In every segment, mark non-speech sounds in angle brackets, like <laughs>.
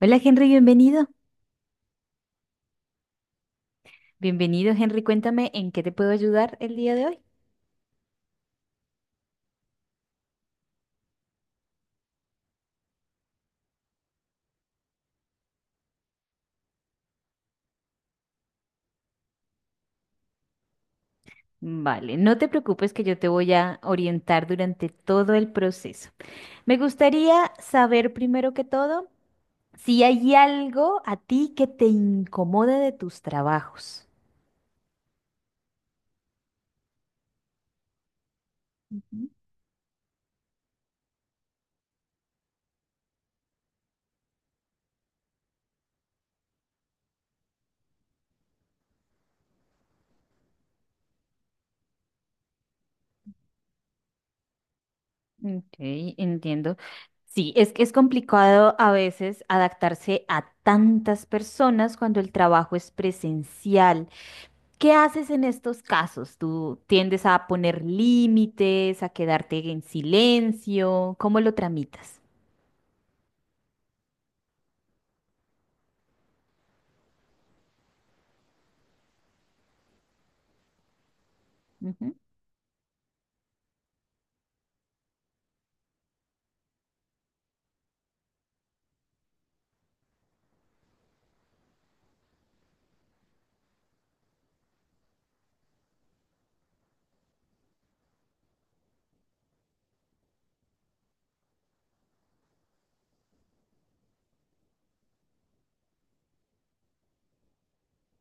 Hola Henry, bienvenido. Bienvenido Henry, cuéntame en qué te puedo ayudar el día de hoy. Vale, no te preocupes que yo te voy a orientar durante todo el proceso. Me gustaría saber primero que todo si hay algo a ti que te incomode de tus trabajos. Ujú. Ok, entiendo. Sí, es que es complicado a veces adaptarse a tantas personas cuando el trabajo es presencial. ¿Qué haces en estos casos? ¿Tú tiendes a poner límites, a quedarte en silencio? ¿Cómo lo tramitas? Ujú,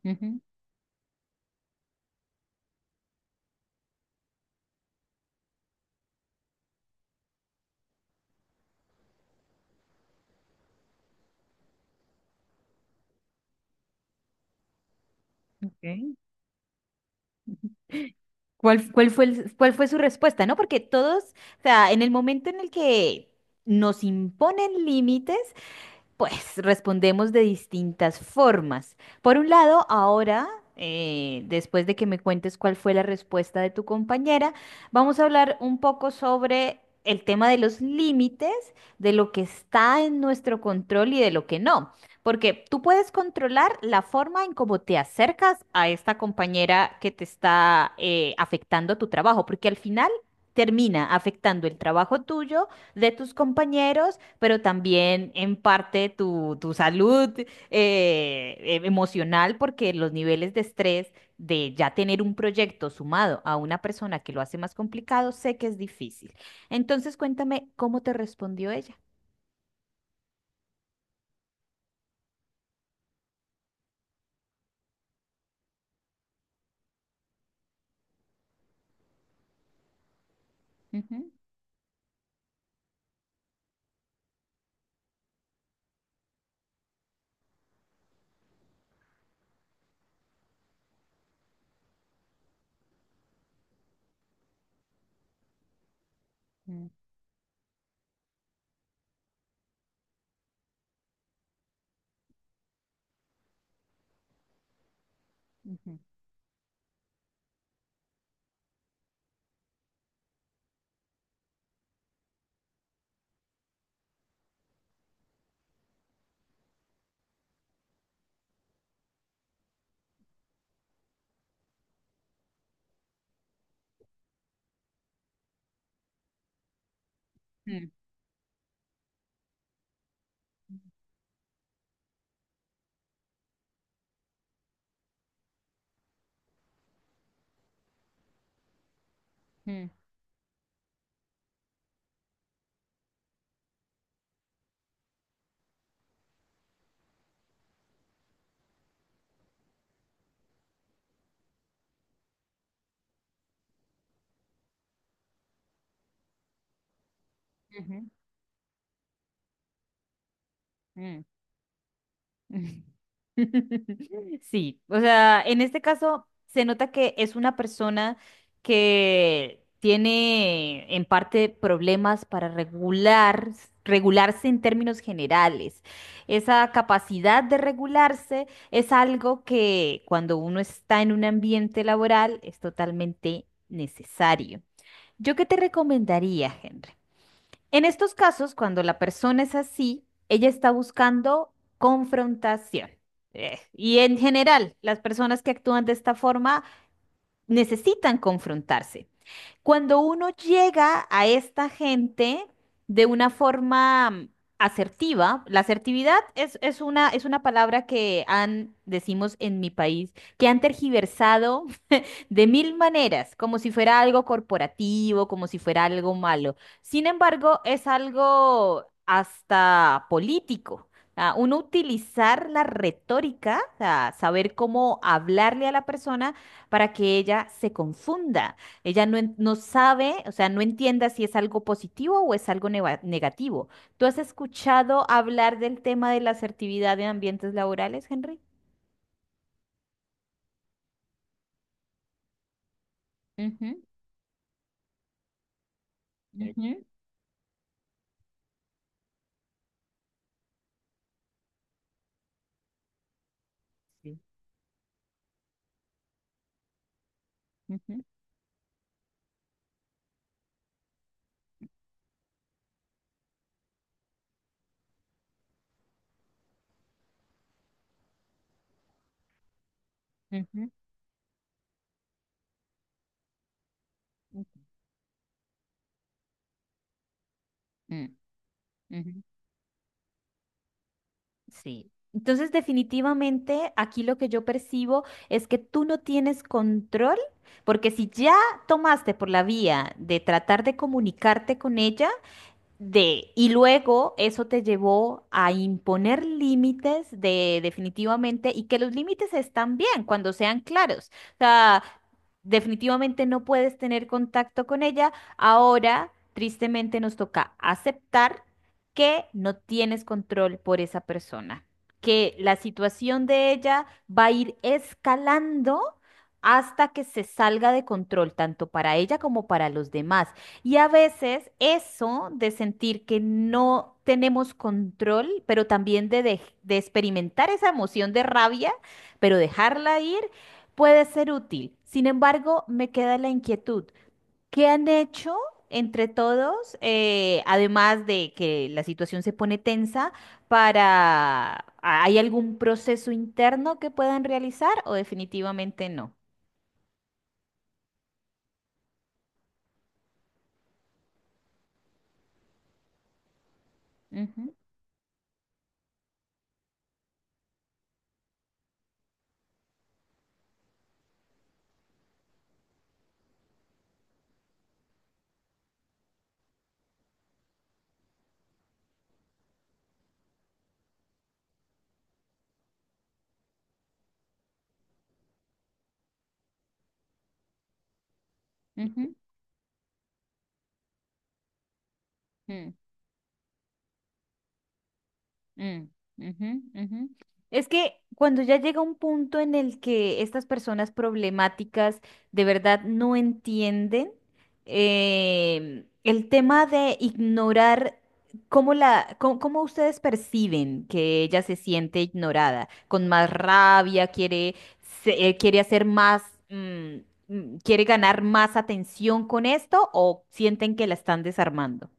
ujú. Ok. ¿Cuál fue cuál fue su respuesta, ¿no? Porque todos, o sea, en el momento en el que nos imponen límites, pues respondemos de distintas formas. Por un lado, ahora, después de que me cuentes cuál fue la respuesta de tu compañera, vamos a hablar un poco sobre el tema de los límites, de lo que está en nuestro control y de lo que no. Porque tú puedes controlar la forma en cómo te acercas a esta compañera que te está afectando tu trabajo, porque al final termina afectando el trabajo tuyo de tus compañeros, pero también en parte tu salud emocional, porque los niveles de estrés de ya tener un proyecto sumado a una persona que lo hace más complicado, sé que es difícil. Entonces, cuéntame cómo te respondió ella. Ujú, mm, ujú, mm, mm, ujú, mm. <laughs> Sí, o sea, en este caso se nota que es una persona que tiene en parte problemas para regular, regularse en términos generales. Esa capacidad de regularse es algo que cuando uno está en un ambiente laboral es totalmente necesario. ¿Yo qué te recomendaría, Henry? En estos casos, cuando la persona es así, ella está buscando confrontación. Y en general, las personas que actúan de esta forma necesitan confrontarse. Cuando uno llega a esta gente de una forma asertiva, la asertividad es, es una palabra que han, decimos en mi país, que han tergiversado de mil maneras, como si fuera algo corporativo, como si fuera algo malo. Sin embargo, es algo hasta político. Ah, uno utilizar la retórica, ah, saber cómo hablarle a la persona para que ella se confunda. Ella no, no sabe, o sea, no entienda si es algo positivo o es algo negativo. ¿Tú has escuchado hablar del tema de la asertividad en ambientes laborales, Henry? Ujú. Ujú, sí, ujú, ujú. Mm, ujú, sí. Entonces, definitivamente aquí lo que yo percibo es que tú no tienes control, porque si ya tomaste por la vía de tratar de comunicarte con ella, de, y luego eso te llevó a imponer límites de definitivamente y que los límites están bien cuando sean claros. O sea, definitivamente no puedes tener contacto con ella. Ahora, tristemente, nos toca aceptar que no tienes control por esa persona, que la situación de ella va a ir escalando hasta que se salga de control, tanto para ella como para los demás. Y a veces eso de sentir que no tenemos control, pero también de, de experimentar esa emoción de rabia, pero dejarla ir, puede ser útil. Sin embargo, me queda la inquietud. ¿Qué han hecho entre todos, además de que la situación se pone tensa, para... ¿Hay algún proceso interno que puedan realizar o definitivamente no? Ujú, ujú, mm. Mm, ujú, ujú. Es que cuando ya llega un punto en el que estas personas problemáticas de verdad no entienden el tema de ignorar cómo la, cómo, cómo ustedes perciben que ella se siente ignorada, con más rabia, quiere, quiere hacer más, mm, mm, quiere ganar más atención con esto o sienten que la están desarmando.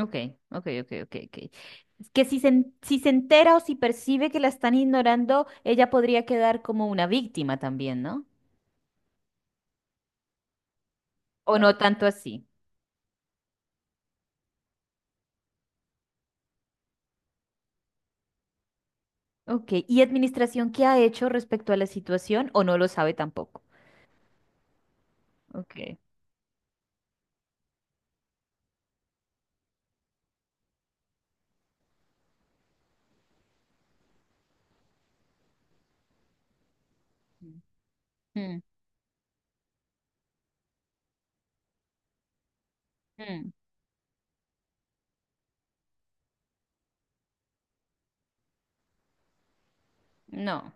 Ok, ok, ok, ok, ok. Es que si se, si se entera o si percibe que la están ignorando, ella podría quedar como una víctima también, ¿no? O no tanto así. Ok, ¿y administración qué ha hecho respecto a la situación o no lo sabe tampoco? Ok. Mm, mm, no,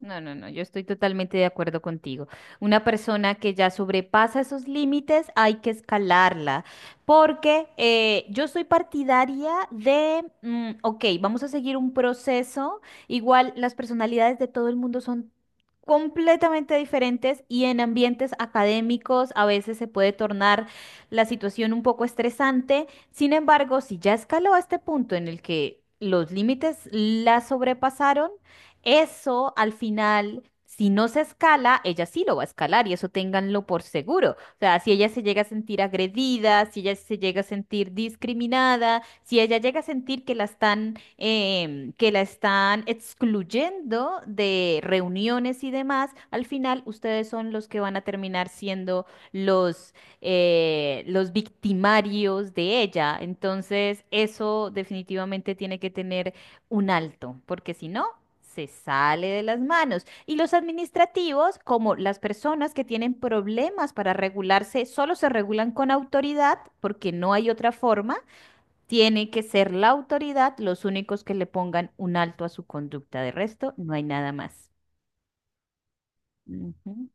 no, no, no, yo estoy totalmente de acuerdo contigo. Una persona que ya sobrepasa esos límites hay que escalarla, porque yo soy partidaria de, mm, ok, vamos a seguir un proceso, igual las personalidades de todo el mundo son completamente diferentes y en ambientes académicos a veces se puede tornar la situación un poco estresante. Sin embargo, si ya escaló a este punto en el que los límites la sobrepasaron, eso al final, si no se escala, ella sí lo va a escalar y eso ténganlo por seguro. O sea, si ella se llega a sentir agredida, si ella se llega a sentir discriminada, si ella llega a sentir que la están, que la están excluyendo de reuniones y demás, al final ustedes son los que van a terminar siendo los, los victimarios de ella. Entonces, eso definitivamente tiene que tener un alto, porque si no se sale de las manos. Y los administrativos, como las personas que tienen problemas para regularse, solo se regulan con autoridad porque no hay otra forma. Tiene que ser la autoridad los únicos que le pongan un alto a su conducta. De resto, no hay nada más. Ujú,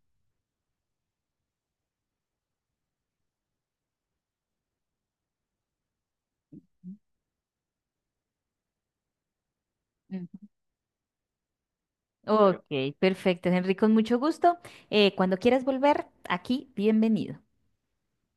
ujú. Claro. Ok, perfecto, Henry, con mucho gusto. Cuando quieras volver, aquí, bienvenido.